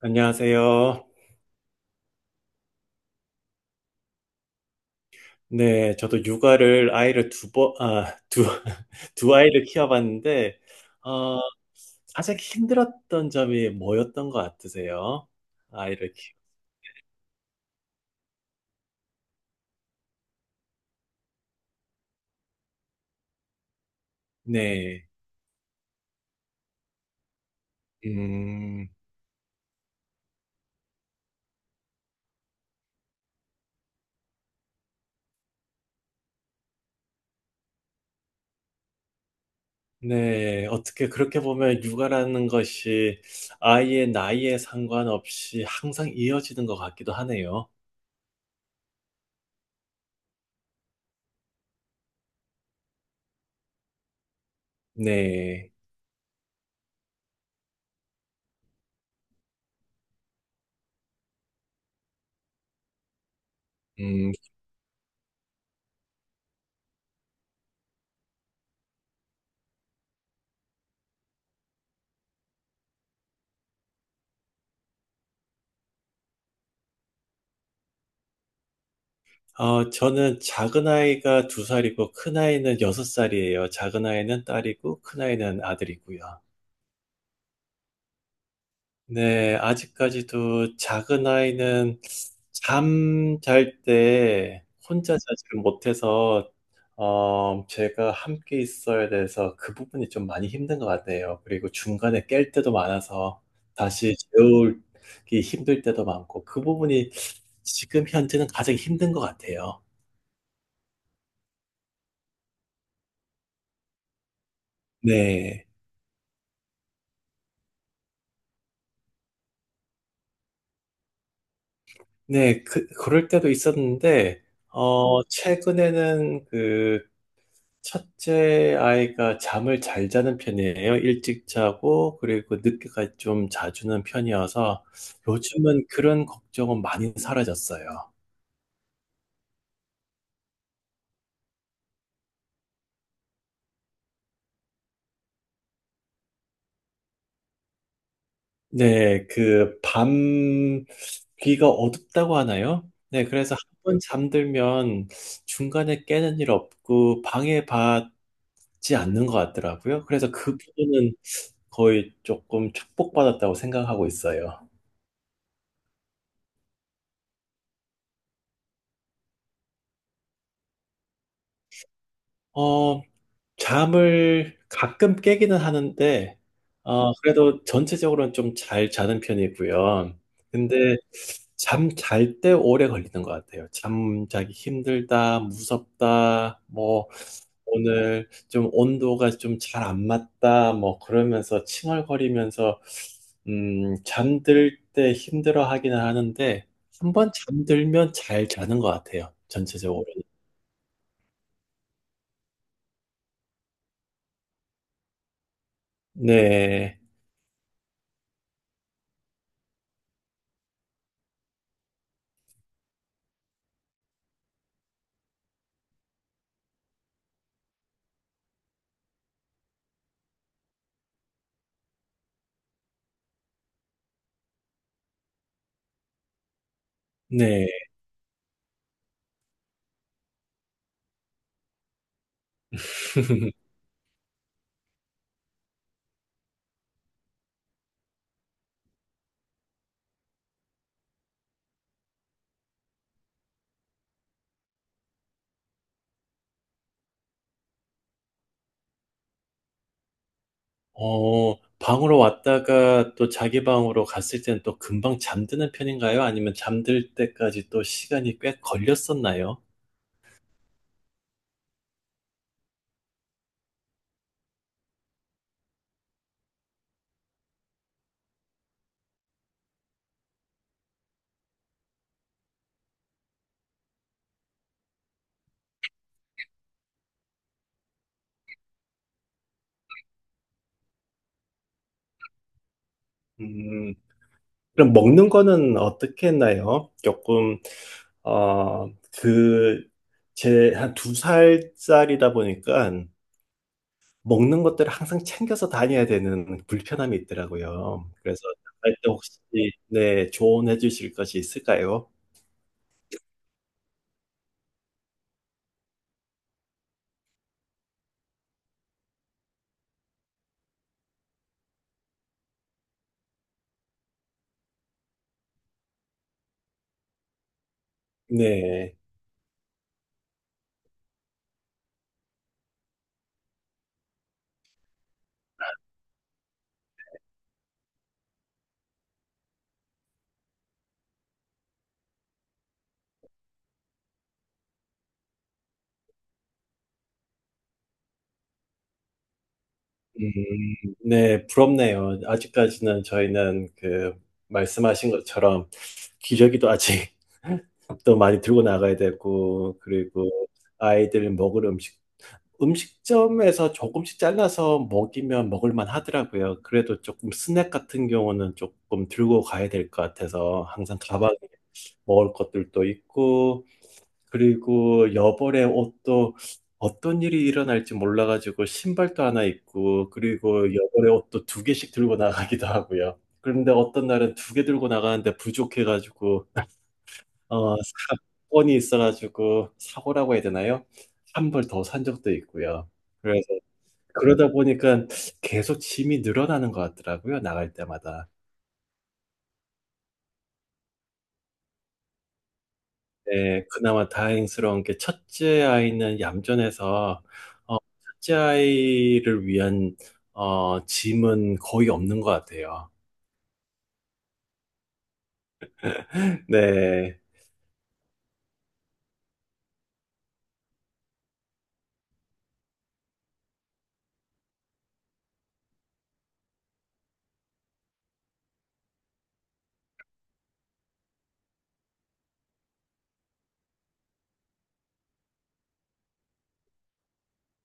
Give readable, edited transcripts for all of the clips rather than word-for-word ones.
안녕하세요. 네, 저도 육아를 아이를 두 번, 아, 두, 두 아이를 키워봤는데, 어, 가장 힘들었던 점이 뭐였던 것 같으세요? 아이를 키 네, 음, 네, 어떻게 그렇게 보면 육아라는 것이 아이의 나이에 상관없이 항상 이어지는 것 같기도 하네요. 네, 음. 저는 작은 아이가 2살이고 큰 아이는 6살이에요. 작은 아이는 딸이고 큰 아이는 아들이고요. 네, 아직까지도 작은 아이는 잠잘 때 혼자 자지를 못해서 제가 함께 있어야 돼서 그 부분이 좀 많이 힘든 것 같아요. 그리고 중간에 깰 때도 많아서 다시 재우기 힘들 때도 많고 그 부분이 지금 현재는 가장 힘든 것 같아요. 네. 네, 그럴 때도 있었는데, 최근에는 그 첫째 아이가 잠을 잘 자는 편이에요. 일찍 자고, 그리고 늦게까지 좀 자주는 편이어서, 요즘은 그런 걱정은 많이 사라졌어요. 네, 귀가 어둡다고 하나요? 네, 그래서 1번 잠들면 중간에 깨는 일 없고, 방해받지 않는 것 같더라고요. 그래서 그 부분은 거의 조금 축복받았다고 생각하고 있어요. 어, 잠을 가끔 깨기는 하는데, 그래도 전체적으로는 좀 잘 자는 편이고요. 근데 잠 잘 때 오래 걸리는 것 같아요. 잠 자기 힘들다, 무섭다, 뭐, 오늘 좀 온도가 좀 잘 안 맞다, 뭐, 그러면서 칭얼거리면서, 잠들 때 힘들어 하기는 하는데, 한 번 잠들면 잘 자는 것 같아요. 전체적으로. 네, 네. 방으로 왔다가 또 자기 방으로 갔을 때는 또 금방 잠드는 편인가요? 아니면 잠들 때까지 또 시간이 꽤 걸렸었나요? 음, 그럼 먹는 거는 어떻게 했나요? 어, 그, 제 한 2살짜리다 보니까 먹는 것들을 항상 챙겨서 다녀야 되는 불편함이 있더라고요. 그래서 나갈 때 혹시, 네, 조언해 주실 것이 있을까요? 네. 음, 네, 부럽네요. 아직까지는 저희는 그 말씀하신 것처럼 기저귀도 아직 또 많이 들고 나가야 되고 그리고 아이들 먹을 음식 음식점에서 조금씩 잘라서 먹이면 먹을만 하더라고요. 그래도 조금 스낵 같은 경우는 조금 들고 가야 될 것 같아서 항상 가방에 먹을 것들도 있고 그리고 여벌의 옷도 어떤 일이 일어날지 몰라가지고 신발도 하나 입고 그리고 여벌의 옷도 2개씩 들고 나가기도 하고요. 그런데 어떤 날은 2개 들고 나가는데 부족해가지고 어, 사건이 있어가지고 사고라고 해야 되나요? 한벌 더 산 적도 있고요. 그래서 그러다 보니까 계속 짐이 늘어나는 것 같더라고요. 나갈 때마다. 네, 그나마 다행스러운 게 첫째 아이는 얌전해서 어, 첫째 아이를 위한 짐은 거의 없는 것 같아요. 네,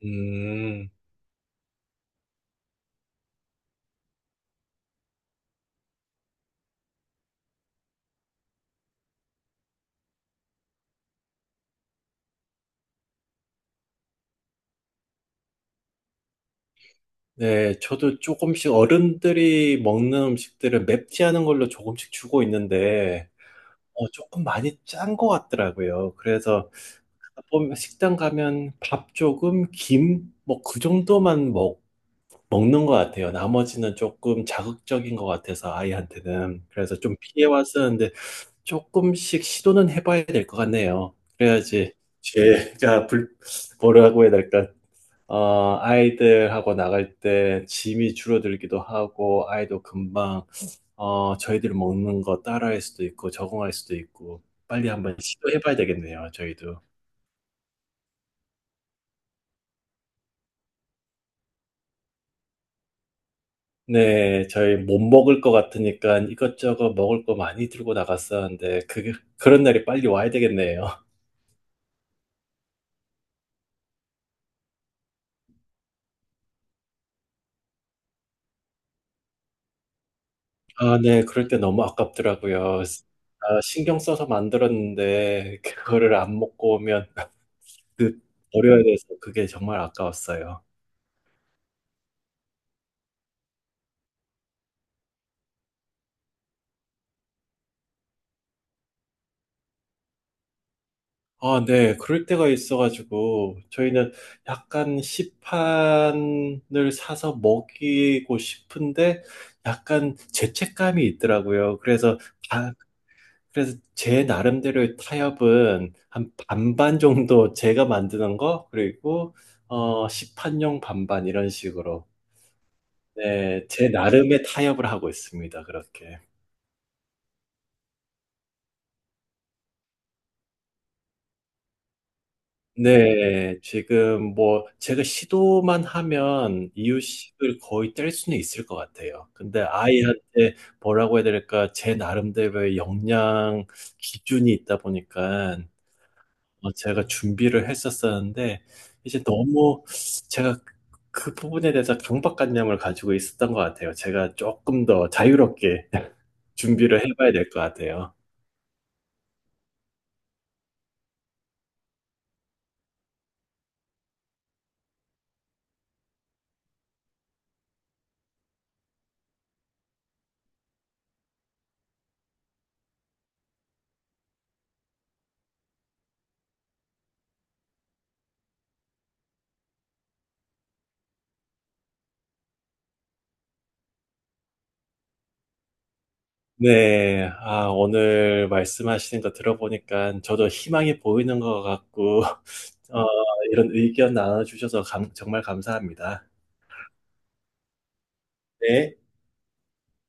음, 네, 저도 조금씩 어른들이 먹는 음식들을 맵지 않은 걸로 조금씩 주고 있는데 조금 많이 짠 것 같더라고요. 그래서 보면 식당 가면 밥 조금, 김, 뭐 그 정도만 먹는 것 같아요. 나머지는 조금 자극적인 것 같아서 아이한테는. 그래서 좀 피해 왔었는데 조금씩 시도는 해봐야 될 것 같네요. 그래야지 제가 불, 뭐라고 해야 될까? 아이들하고 나갈 때 짐이 줄어들기도 하고 아이도 금방 저희들 먹는 거 따라할 수도 있고 적응할 수도 있고 빨리 한번 시도해봐야 되겠네요. 저희도. 네. 저희 못 먹을 것 같으니까 이것저것 먹을 거 많이 들고 나갔었는데 그게 그런 날이 빨리 와야 되겠네요. 아, 네. 그럴 때 너무 아깝더라고요. 아, 신경 써서 만들었는데 그거를 안 먹고 오면 그 버려야 돼서 그게 정말 아까웠어요. 아, 네. 그럴 때가 있어 가지고 저희는 약간 시판을 사서 먹이고 싶은데 약간 죄책감이 있더라고요. 그래서 그래서 제 나름대로의 타협은 한 반반 정도 제가 만드는 거, 그리고 시판용 반반 이런 식으로. 네, 제 나름의 타협을 하고 있습니다. 그렇게. 네, 지금 뭐 제가 시도만 하면 이유식을 거의 뗄 수는 있을 것 같아요. 근데 아이한테 뭐라고 해야 될까? 제 나름대로의 역량 기준이 있다 보니까 제가 준비를 했었었는데, 이제 너무 제가 그그 부분에 대해서 강박관념을 가지고 있었던 것 같아요. 제가 조금 더 자유롭게 준비를 해봐야 될 것 같아요. 네, 아, 오늘 말씀하시는 거 들어보니까 저도 희망이 보이는 것 같고, 어, 이런 의견 나눠주셔서 정말 감사합니다. 네.